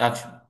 اكشن.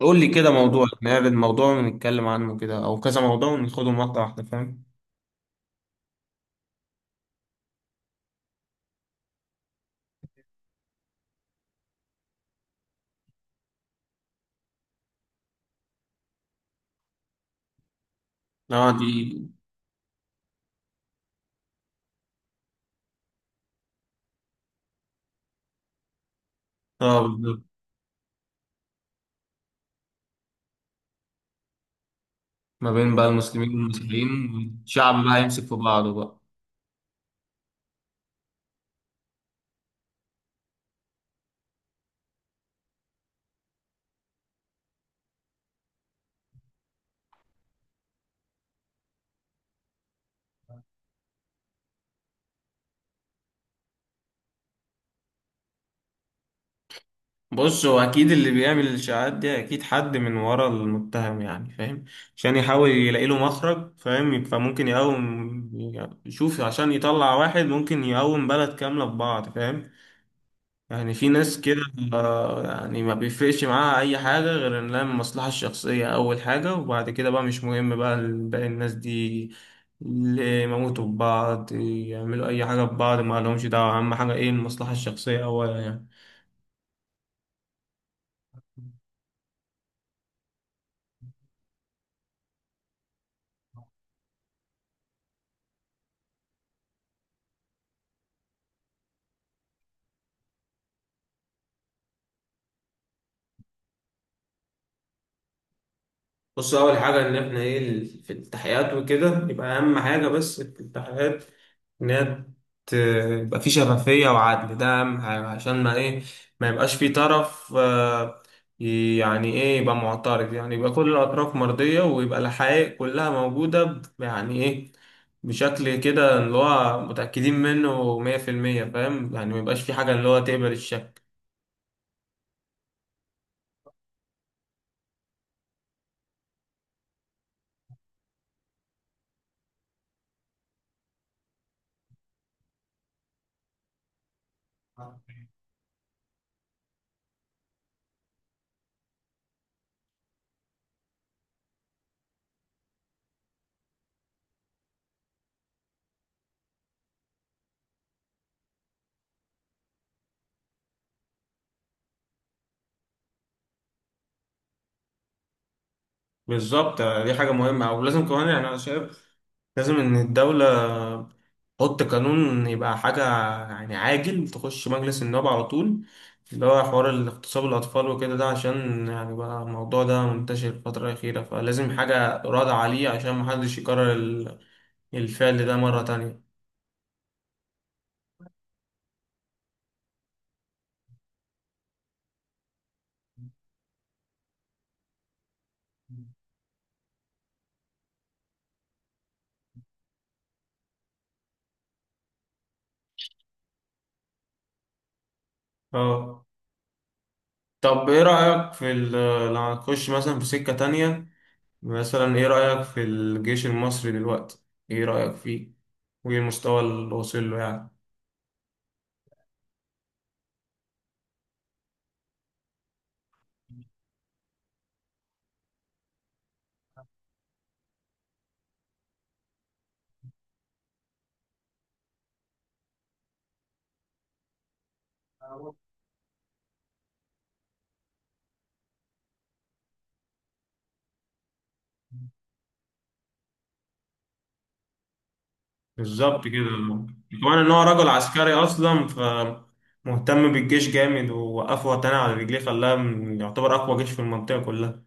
قول لي كده، موضوع، نعرض موضوع ونتكلم عنه كده او كذا موضوع وناخدهم واحده واحده، فاهم؟ اه دي. اه بالظبط. ما بين بقى المسلمين والمسيحيين، والشعب بقى يمسك في بعضه بقى. بص، هو اكيد اللي بيعمل الاشاعات دي اكيد حد من ورا المتهم، يعني فاهم؟ عشان يحاول يلاقي له مخرج، فاهم؟ فممكن يقوم يشوف عشان يطلع واحد، ممكن يقوم بلد كامله في بعض، فاهم؟ يعني في ناس كده. يعني ما بيفرقش معاها اي حاجة غير ان لها المصلحة الشخصية اول حاجة، وبعد كده بقى مش مهم بقى باقي الناس دي، اللي يموتوا ببعض، يعملوا اي حاجة ببعض، ما لهمش دعوة، اهم حاجة ايه؟ المصلحة الشخصية اولا يعني. بص، اول حاجه ان احنا ايه، في التحقيقات وكده، يبقى اهم حاجه بس في التحقيقات ان هي ت- يبقى في شفافيه وعدل، ده اهم حاجه، عشان ما ايه، ما يبقاش في طرف يعني ايه، يبقى معترض، يعني يبقى كل الاطراف مرضيه، ويبقى الحقائق كلها موجوده يعني ايه، بشكل كده اللي هو متاكدين منه 100%، فاهم؟ يعني ما يبقاش في حاجه اللي هو تقبل الشك. بالظبط، دي حاجة مهمة، ولازم كمان، يعني أنا شايف لازم إن الدولة حط قانون، يبقى حاجة يعني عاجل، تخش مجلس النواب على طول، اللي هو حوار الاغتصاب الأطفال وكده ده، عشان يعني بقى الموضوع ده منتشر الفترة الأخيرة، فلازم حاجة رادعة عليه عشان محدش يكرر الفعل ده مرة تانية. اه، طب ايه رأيك في لو هنخش مثلا في سكة تانية، مثلا ايه رأيك في الجيش المصري دلوقتي؟ ايه رأيك فيه وايه المستوى اللي واصل له يعني؟ بالظبط كده. كمان ان هو رجل عسكري اصلا، فمهتم بالجيش جامد، ووقفه وطني على رجليه خلاه يعتبر اقوى جيش في المنطقه كلها.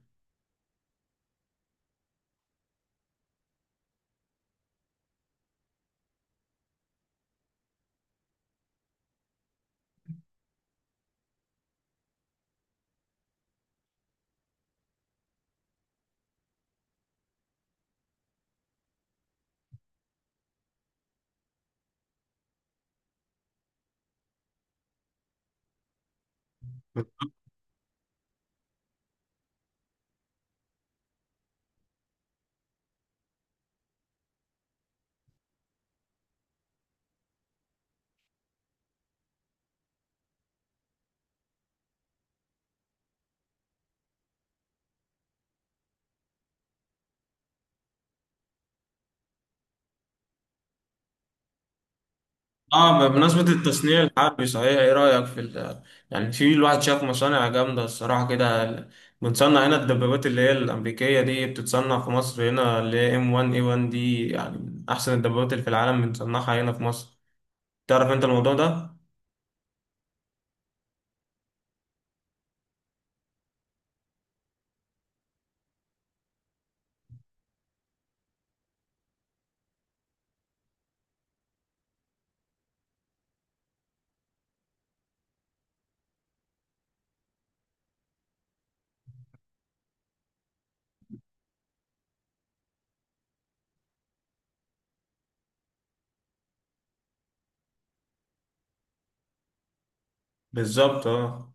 اه بمناسبه التصنيع الحربي صحيح، ايه رايك في يعني في، الواحد شاف مصانع جامده الصراحه كده، بنصنع هنا الدبابات اللي هي الامريكيه دي، بتتصنع في مصر هنا، اللي هي M1A1 دي، يعني من احسن الدبابات اللي في العالم بنصنعها هنا في مصر. تعرف انت الموضوع ده؟ بالظبط اه.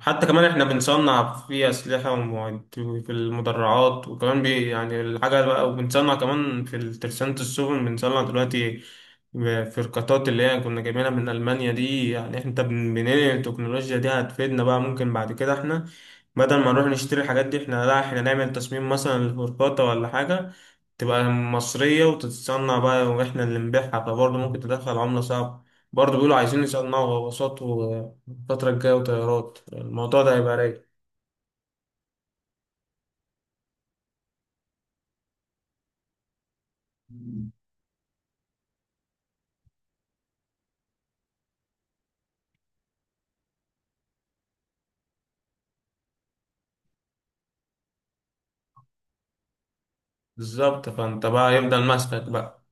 حتى كمان احنا بنصنع في أسلحة في المدرعات، وكمان بي يعني الحاجة بقى، وبنصنع كمان في ترسانة السفن، بنصنع دلوقتي فرقاطات اللي هي كنا جايبينها من ألمانيا دي، يعني انت بننقل التكنولوجيا دي، هتفيدنا بقى، ممكن بعد كده احنا بدل ما نروح نشتري الحاجات دي، احنا لا، احنا نعمل تصميم مثلا لفرقاطة ولا حاجة تبقى مصرية وتتصنع بقى، واحنا اللي نبيعها، فبرضه ممكن تدخل عملة صعبة. برضه بيقولوا عايزين يصنعوا غواصات الفترة الجاية وطيارات، الموضوع ده هيبقى رايق. بالظبط، فانت بقى يفضل ماسكك بقى.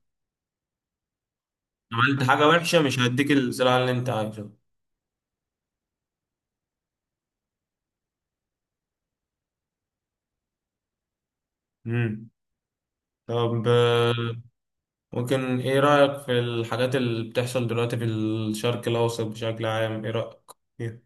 عملت حاجة وحشة، مش هديك الزراعة اللي انت عايزه. مم. طب ممكن ايه رأيك في الحاجات اللي بتحصل دلوقتي في الشرق الأوسط بشكل عام؟ ايه رأيك فيها؟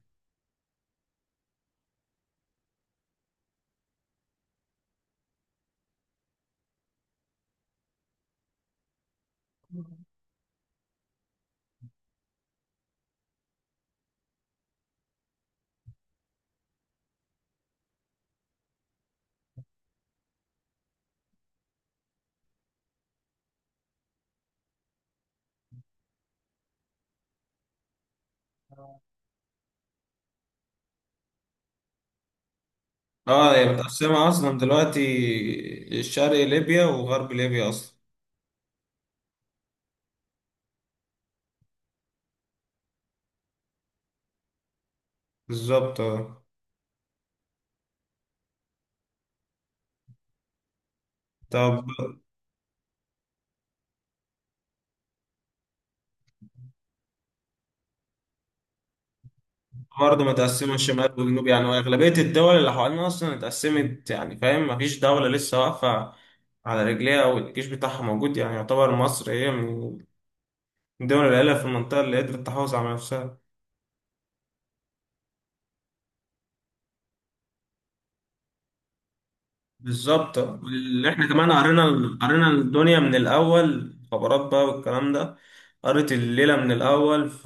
اه هي متقسمة أصلا دلوقتي، الشرق ليبيا وغرب ليبيا أصلا. بالظبط اه. طب برضه متقسمة شمال وجنوب يعني، وأغلبية الدول اللي حوالينا أصلا اتقسمت، يعني فاهم، مفيش دولة لسه واقفة على رجليها والجيش بتاعها موجود، يعني يعتبر مصر هي من الدول القليلة في المنطقة اللي قدرت تحافظ على نفسها. بالظبط، اللي احنا كمان قرينا، قرينا الدنيا من الأول، خبرات بقى والكلام ده، قريت الليلة من الأول، ف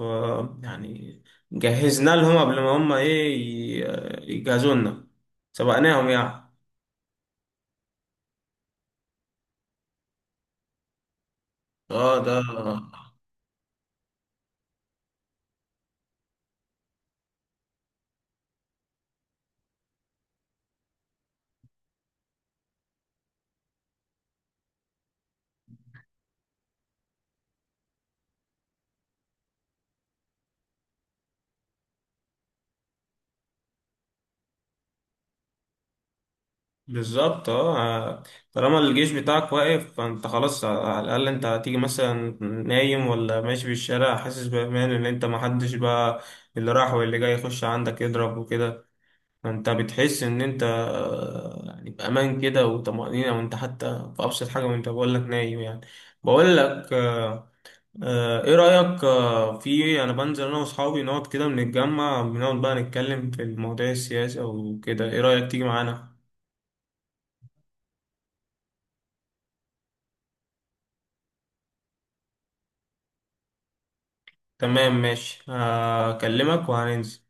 يعني جهزنا لهم قبل ما هم إيه يجهزوا لنا، سبقناهم يعني. اه ده. بالظبط اه. طالما الجيش بتاعك واقف، فانت خلاص، على الاقل انت هتيجي مثلا نايم ولا ماشي في الشارع حاسس بامان، ان انت محدش بقى اللي راح واللي جاي يخش عندك يضرب وكده، فانت بتحس ان انت يعني بامان كده وطمأنينة، وانت حتى في ابسط حاجة، وانت بقول لك نايم يعني، بقول لك ايه رأيك في، انا بنزل انا واصحابي نقعد كده، بنتجمع بنقعد بقى نتكلم في المواضيع السياسية وكده، ايه رأيك تيجي معانا؟ تمام ماشي، هكلمك وهننزل.